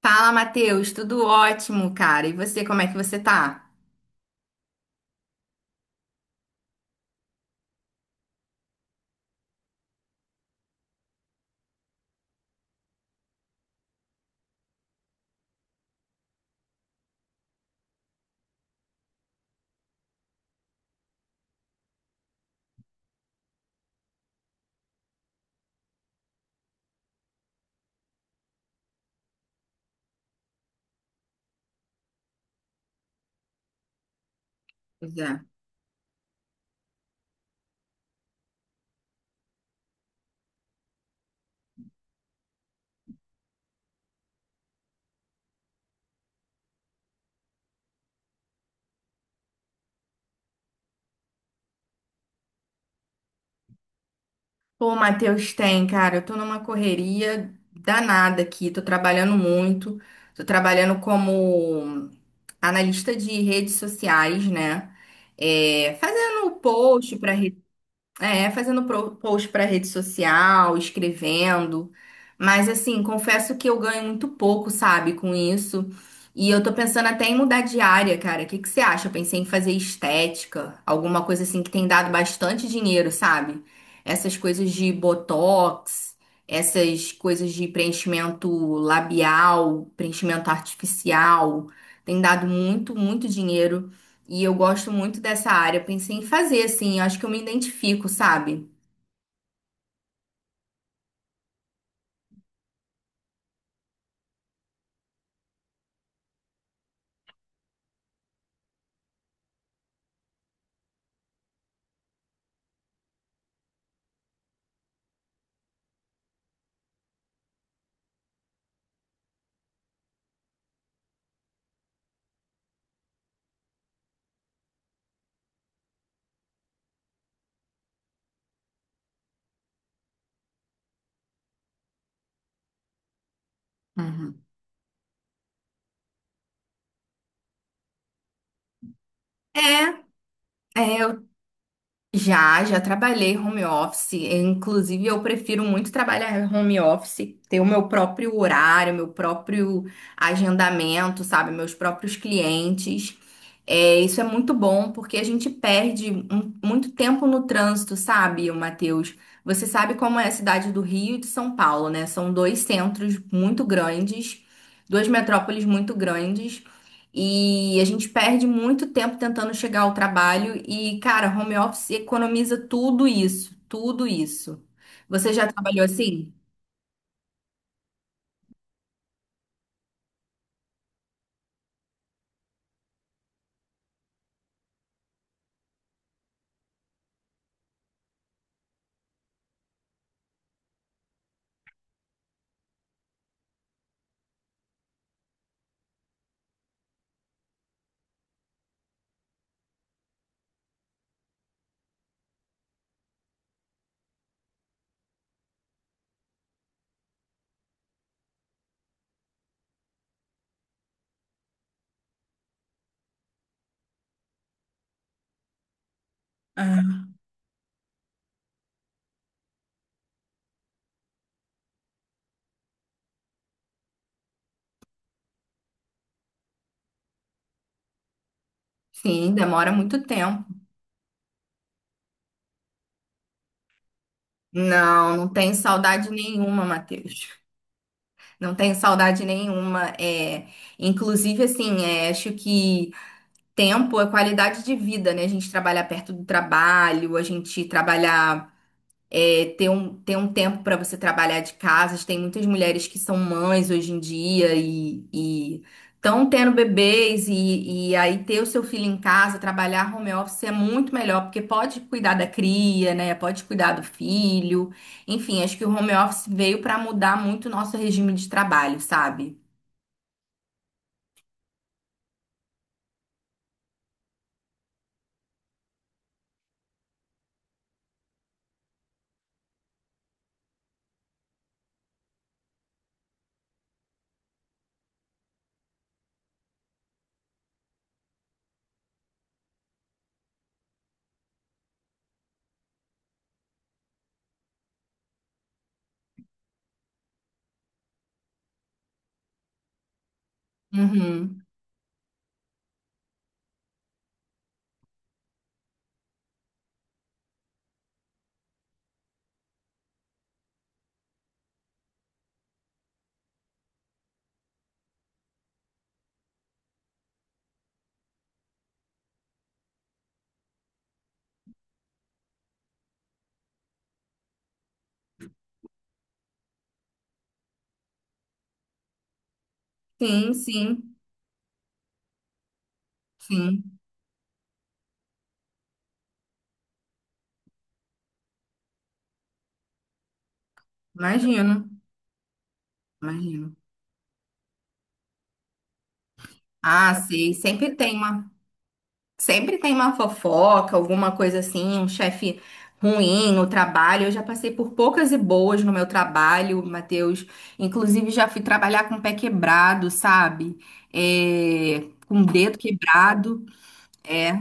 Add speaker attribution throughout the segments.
Speaker 1: Fala, Matheus, tudo ótimo, cara. E você, como é que você tá? Pois é. Pô, Matheus, tem, cara, eu tô numa correria danada aqui, tô trabalhando muito, tô trabalhando como analista de redes sociais, né? É, fazendo post para É, fazendo post para rede social, escrevendo. Mas assim, confesso que eu ganho muito pouco, sabe, com isso. E eu tô pensando até em mudar de área, cara. O que que você acha? Eu pensei em fazer estética, alguma coisa assim que tem dado bastante dinheiro, sabe? Essas coisas de botox, essas coisas de preenchimento labial, preenchimento artificial, tem dado muito, muito dinheiro. E eu gosto muito dessa área. Eu pensei em fazer, assim, eu acho que eu me identifico, sabe? Uhum. É, eu já trabalhei home office. Inclusive, eu prefiro muito trabalhar home office, ter o meu próprio horário, meu próprio agendamento, sabe? Meus próprios clientes. É, isso é muito bom porque a gente perde muito tempo no trânsito, sabe, Matheus? Você sabe como é a cidade do Rio e de São Paulo, né? São dois centros muito grandes, duas metrópoles muito grandes, e a gente perde muito tempo tentando chegar ao trabalho. E, cara, home office economiza tudo isso, tudo isso. Você já trabalhou assim? Ah, sim, demora muito tempo. Não, não tenho saudade nenhuma, Matheus. Não tenho saudade nenhuma. É, inclusive, assim, é, acho que tempo é qualidade de vida, né? A gente trabalhar perto do trabalho, a gente trabalhar, é, ter ter um tempo para você trabalhar de casa. Tem muitas mulheres que são mães hoje em dia e estão tendo bebês, e aí ter o seu filho em casa, trabalhar home office é muito melhor, porque pode cuidar da cria, né? Pode cuidar do filho. Enfim, acho que o home office veio para mudar muito o nosso regime de trabalho, sabe? Uhum. Sim, sim, sim. Imagino, imagino. Ah, sei, sempre tem uma fofoca, alguma coisa assim, um chefe ruim no trabalho. Eu já passei por poucas e boas no meu trabalho, Matheus. Inclusive, já fui trabalhar com o pé quebrado, sabe? É, com o dedo quebrado. É.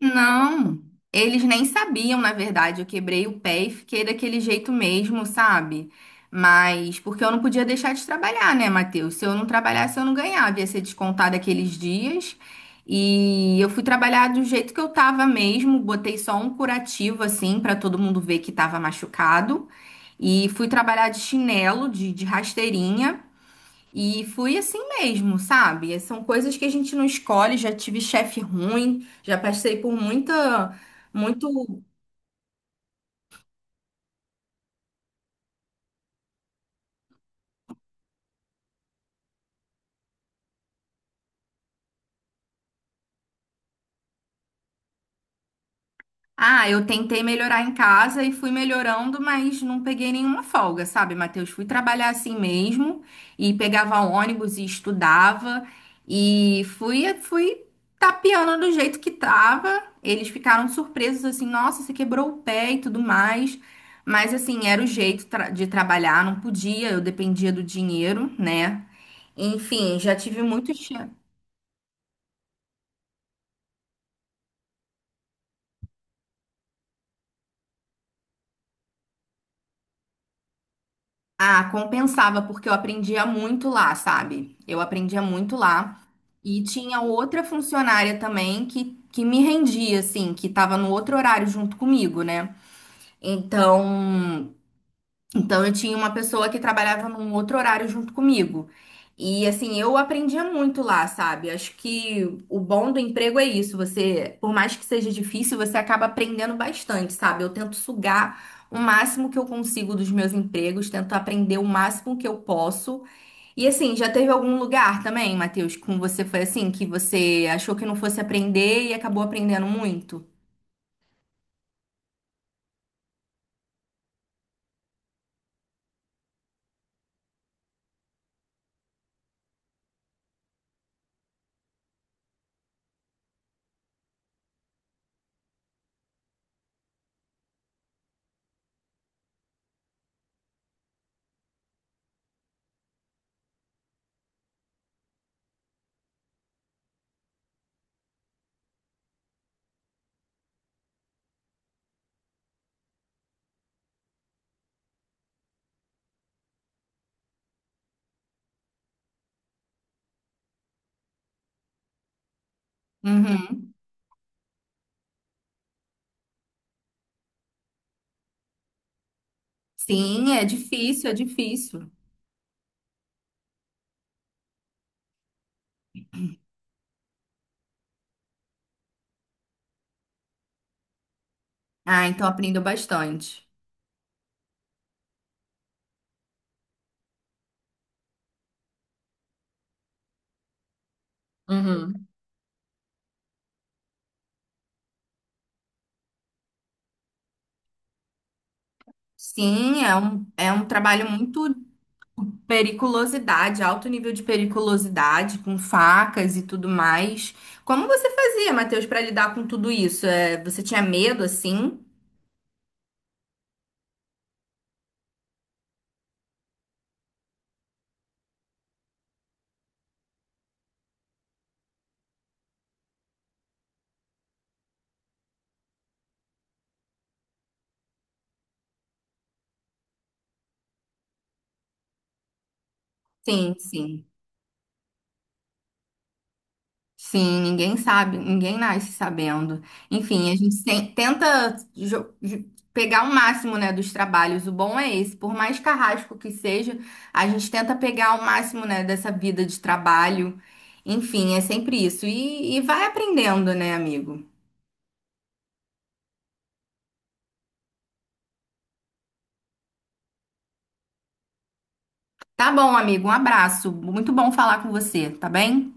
Speaker 1: Não, eles nem sabiam, na verdade. Eu quebrei o pé e fiquei daquele jeito mesmo, sabe? Mas porque eu não podia deixar de trabalhar, né, Matheus? Se eu não trabalhasse, eu não ganhava, ia ser descontado aqueles dias. E eu fui trabalhar do jeito que eu tava mesmo, botei só um curativo assim pra todo mundo ver que tava machucado. E fui trabalhar de chinelo, de rasteirinha. E fui assim mesmo, sabe? São coisas que a gente não escolhe. Já tive chefe ruim, já passei por muito. Ah, eu tentei melhorar em casa e fui melhorando, mas não peguei nenhuma folga, sabe, Matheus? Fui trabalhar assim mesmo e pegava ônibus e estudava e fui tapeando do jeito que tava. Eles ficaram surpresos assim, nossa, você quebrou o pé e tudo mais. Mas assim, era o jeito de trabalhar, não podia, eu dependia do dinheiro, né? Enfim, já tive muitos. Ah, compensava, porque eu aprendia muito lá, sabe? Eu aprendia muito lá. E tinha outra funcionária também que me rendia, assim, que tava no outro horário junto comigo, né? Então, então, eu tinha uma pessoa que trabalhava num outro horário junto comigo. E assim, eu aprendia muito lá, sabe? Acho que o bom do emprego é isso. Você, por mais que seja difícil, você acaba aprendendo bastante, sabe? Eu tento sugar o máximo que eu consigo dos meus empregos, tento aprender o máximo que eu posso. E assim, já teve algum lugar também, Matheus, com você foi assim, que você achou que não fosse aprender e acabou aprendendo muito? Uhum. Sim, é difícil, é difícil. Ah, então aprendeu bastante. Uhum. Sim, é é um trabalho muito periculosidade, alto nível de periculosidade, com facas e tudo mais. Como você fazia, Matheus, para lidar com tudo isso? É, você tinha medo assim? Sim, sim. Sim, ninguém sabe, ninguém nasce sabendo. Enfim, a gente pegar o máximo, né, dos trabalhos. O bom é esse, por mais carrasco que seja, a gente tenta pegar o máximo, né, dessa vida de trabalho. Enfim, é sempre isso. E vai aprendendo, né, amigo? Tá bom, amigo, um abraço. Muito bom falar com você, tá bem?